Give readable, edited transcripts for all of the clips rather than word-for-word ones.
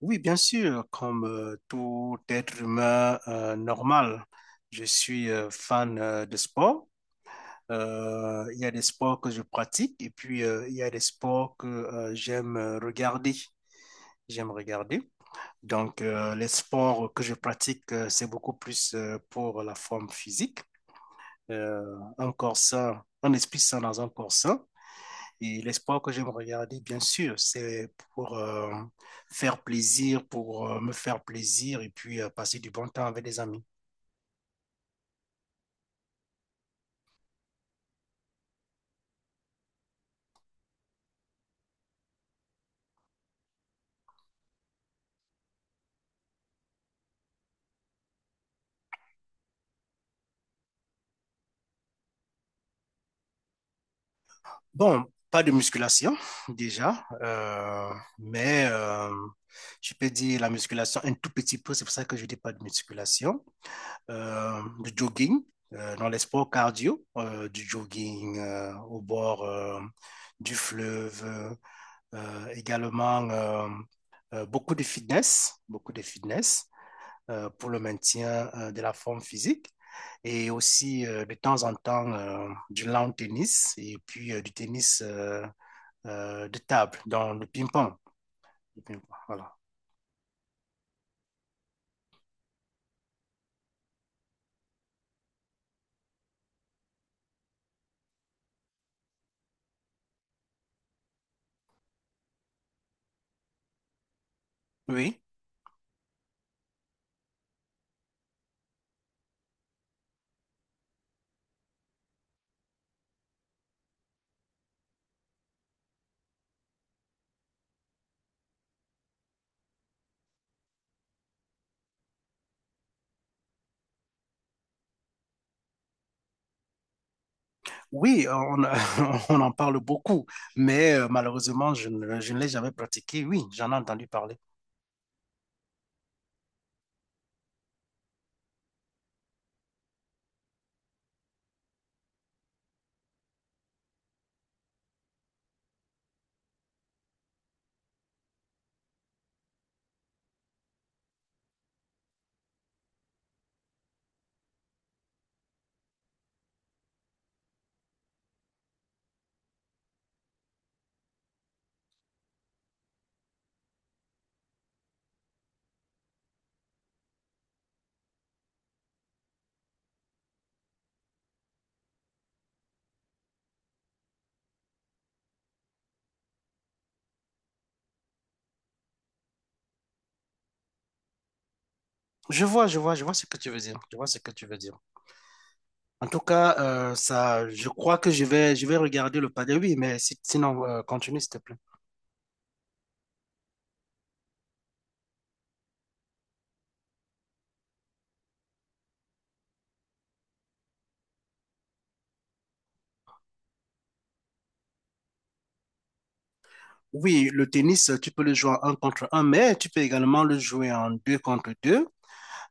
Oui, bien sûr, comme tout être humain normal, je suis fan de sport. Il y a des sports que je pratique et puis il y a des sports que j'aime regarder. J'aime regarder. Donc, les sports que je pratique, c'est beaucoup plus pour la forme physique. Euh, un corps sain, un esprit sain dans un corps sain. Et l'espoir que j'aime regarder, bien sûr, c'est pour faire plaisir, pour me faire plaisir et puis passer du bon temps avec des amis. Bon, pas de musculation déjà, mais je peux dire la musculation un tout petit peu, c'est pour ça que je dis pas de musculation, du jogging, dans les sports cardio, du jogging au bord du fleuve, également beaucoup de fitness, beaucoup de fitness. Pour le maintien de la forme physique et aussi de temps en temps du lawn tennis et puis du tennis de table, dans le ping-pong. Le ping-pong. Voilà. Oui, oui, on en parle beaucoup, mais malheureusement, je ne l'ai jamais pratiqué. Oui, j'en ai entendu parler. Je vois, je vois, je vois ce que tu veux dire. Je vois ce que tu veux dire. En tout cas, ça, je crois que je vais regarder le padel. Oui, mais sinon, continue, s'il te plaît. Oui, le tennis, tu peux le jouer en un contre un, mais tu peux également le jouer en deux contre deux.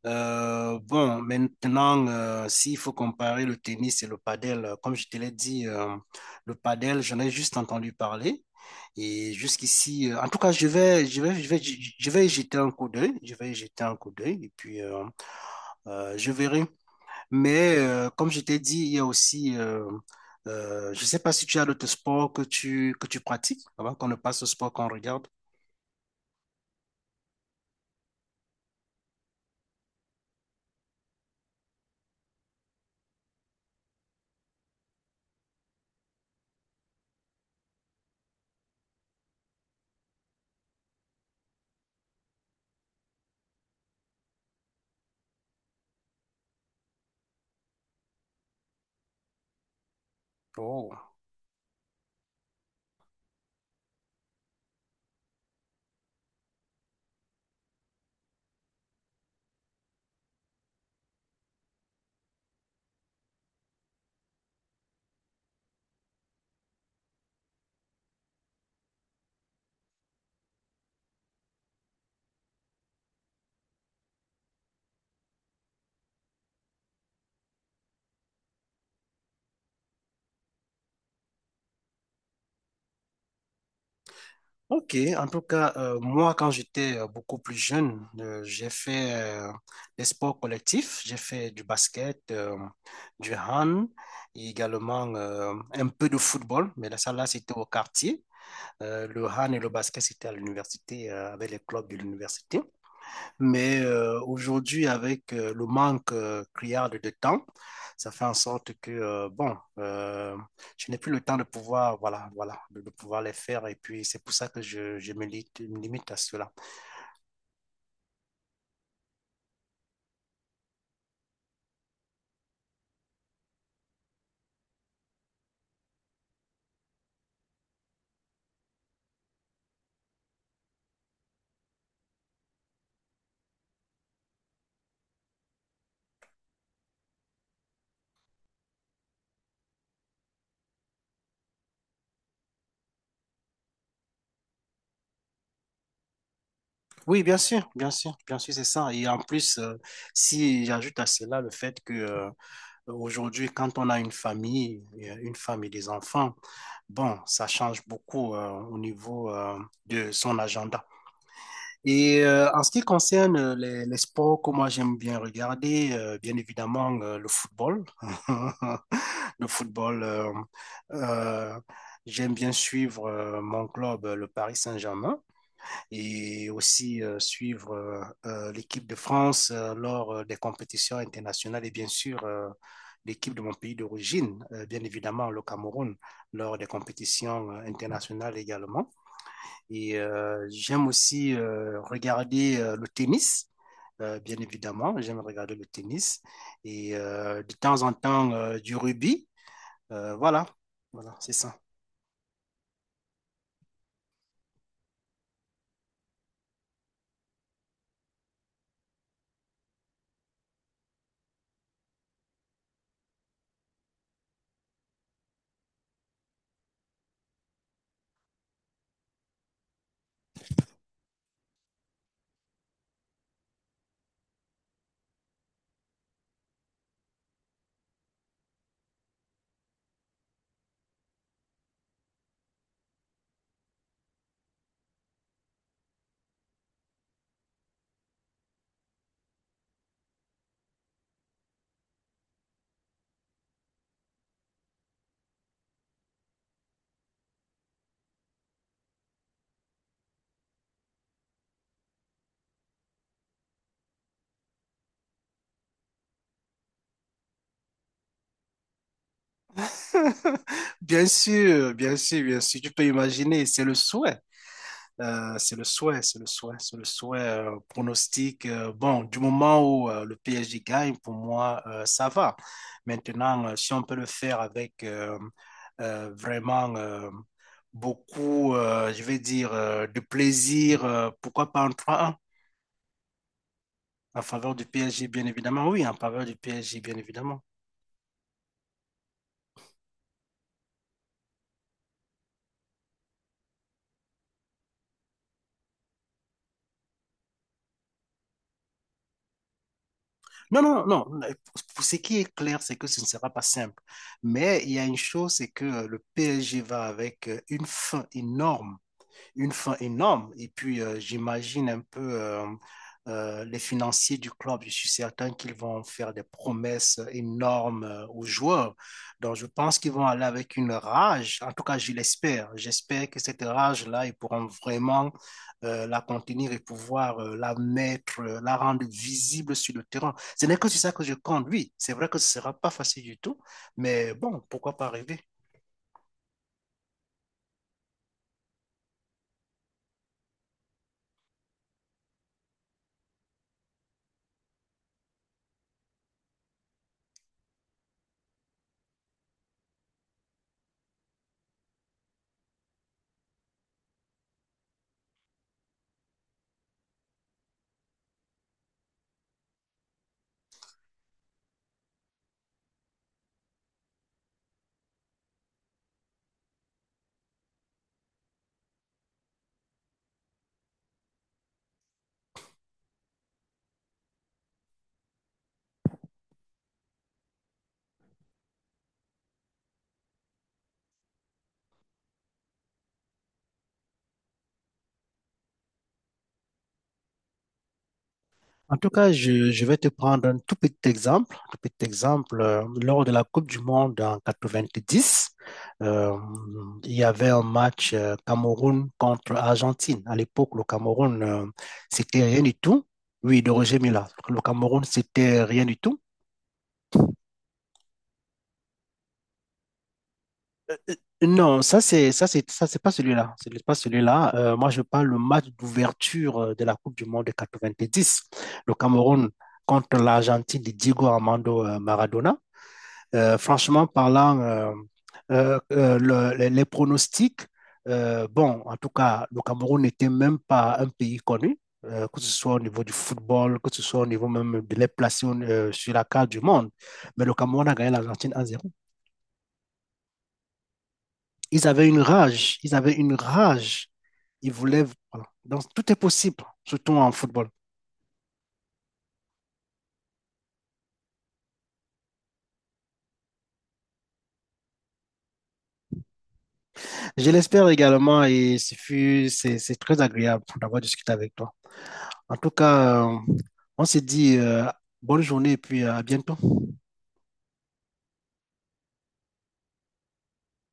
Bon, maintenant, s'il faut comparer le tennis et le padel, comme je te l'ai dit, le padel, j'en ai juste entendu parler. Et jusqu'ici, en tout cas, je vais y jeter un coup d'œil. Je vais y jeter un coup d'œil et puis je verrai. Mais comme je t'ai dit, il y a aussi, je ne sais pas si tu as d'autres sports que tu pratiques avant qu'on ne passe au sport qu'on regarde. Oh. Ok, en tout cas, moi, quand j'étais beaucoup plus jeune, j'ai fait des sports collectifs. J'ai fait du basket, du hand, et également un peu de football, mais là, ça, là, c'était au quartier. Le hand et le basket, c'était à l'université, avec les clubs de l'université. Mais aujourd'hui, avec le manque criard de temps, ça fait en sorte que, bon, je n'ai plus le temps de pouvoir, voilà, voilà, de pouvoir les faire. Et puis, c'est pour ça que je me limite à cela. Oui, bien sûr, bien sûr, bien sûr, c'est ça. Et en plus, si j'ajoute à cela le fait que aujourd'hui, quand on a une famille, une femme et des enfants, bon, ça change beaucoup au niveau de son agenda. Et en ce qui concerne les sports que moi j'aime bien regarder, bien évidemment le football. Le football, euh, j'aime bien suivre mon club, le Paris Saint-Germain, et aussi suivre l'équipe de France lors des compétitions internationales et bien sûr l'équipe de mon pays d'origine, bien évidemment le Cameroun, lors des compétitions internationales également. Et j'aime aussi regarder le tennis, bien évidemment. J'aime regarder le tennis et de temps en temps du rugby. Voilà, voilà, c'est ça. Bien sûr, bien sûr, bien sûr. Tu peux imaginer, c'est le souhait. C'est le souhait, c'est le souhait, c'est le souhait pronostic. Bon, du moment où le PSG gagne, pour moi, ça va. Maintenant, si on peut le faire avec vraiment beaucoup, je vais dire, de plaisir, pourquoi pas en trois 1 en faveur du PSG, bien évidemment. Oui, en faveur du PSG, bien évidemment. Non, non, non. Pour ce qui est clair, c'est que ce ne sera pas simple. Mais il y a une chose, c'est que le PSG va avec une faim énorme une fin énorme. Et puis, j'imagine un peu les financiers du club. Je suis certain qu'ils vont faire des promesses énormes aux joueurs. Donc, je pense qu'ils vont aller avec une rage. En tout cas, je l'espère. J'espère que cette rage-là, ils pourront vraiment la contenir et pouvoir la mettre, la rendre visible sur le terrain. Ce n'est que sur ça que je compte. Oui, c'est vrai que ce ne sera pas facile du tout, mais bon, pourquoi pas rêver? En tout cas, je vais te prendre un tout petit exemple. Un tout petit exemple, lors de la Coupe du Monde en 90, euh, il y avait un match Cameroun contre Argentine. À l'époque, le Cameroun, c'était rien du tout. Oui, de Roger Mila. Le Cameroun, c'était rien du tout. Non, ça c'est pas celui-là. C'est pas celui-là. Moi, je parle le match d'ouverture de la Coupe du Monde de 10. Le Cameroun contre l'Argentine de Diego Armando Maradona. Franchement parlant, les pronostics, bon, en tout cas, le Cameroun n'était même pas un pays connu, que ce soit au niveau du football, que ce soit au niveau même de les placer sur la carte du monde. Mais le Cameroun a gagné l'Argentine 1-0. Ils avaient une rage, ils avaient une rage. Ils voulaient. Voilà. Donc, tout est possible, surtout en football. Je l'espère également et c'est très agréable d'avoir discuté avec toi. En tout cas, on se dit bonne journée et puis à bientôt.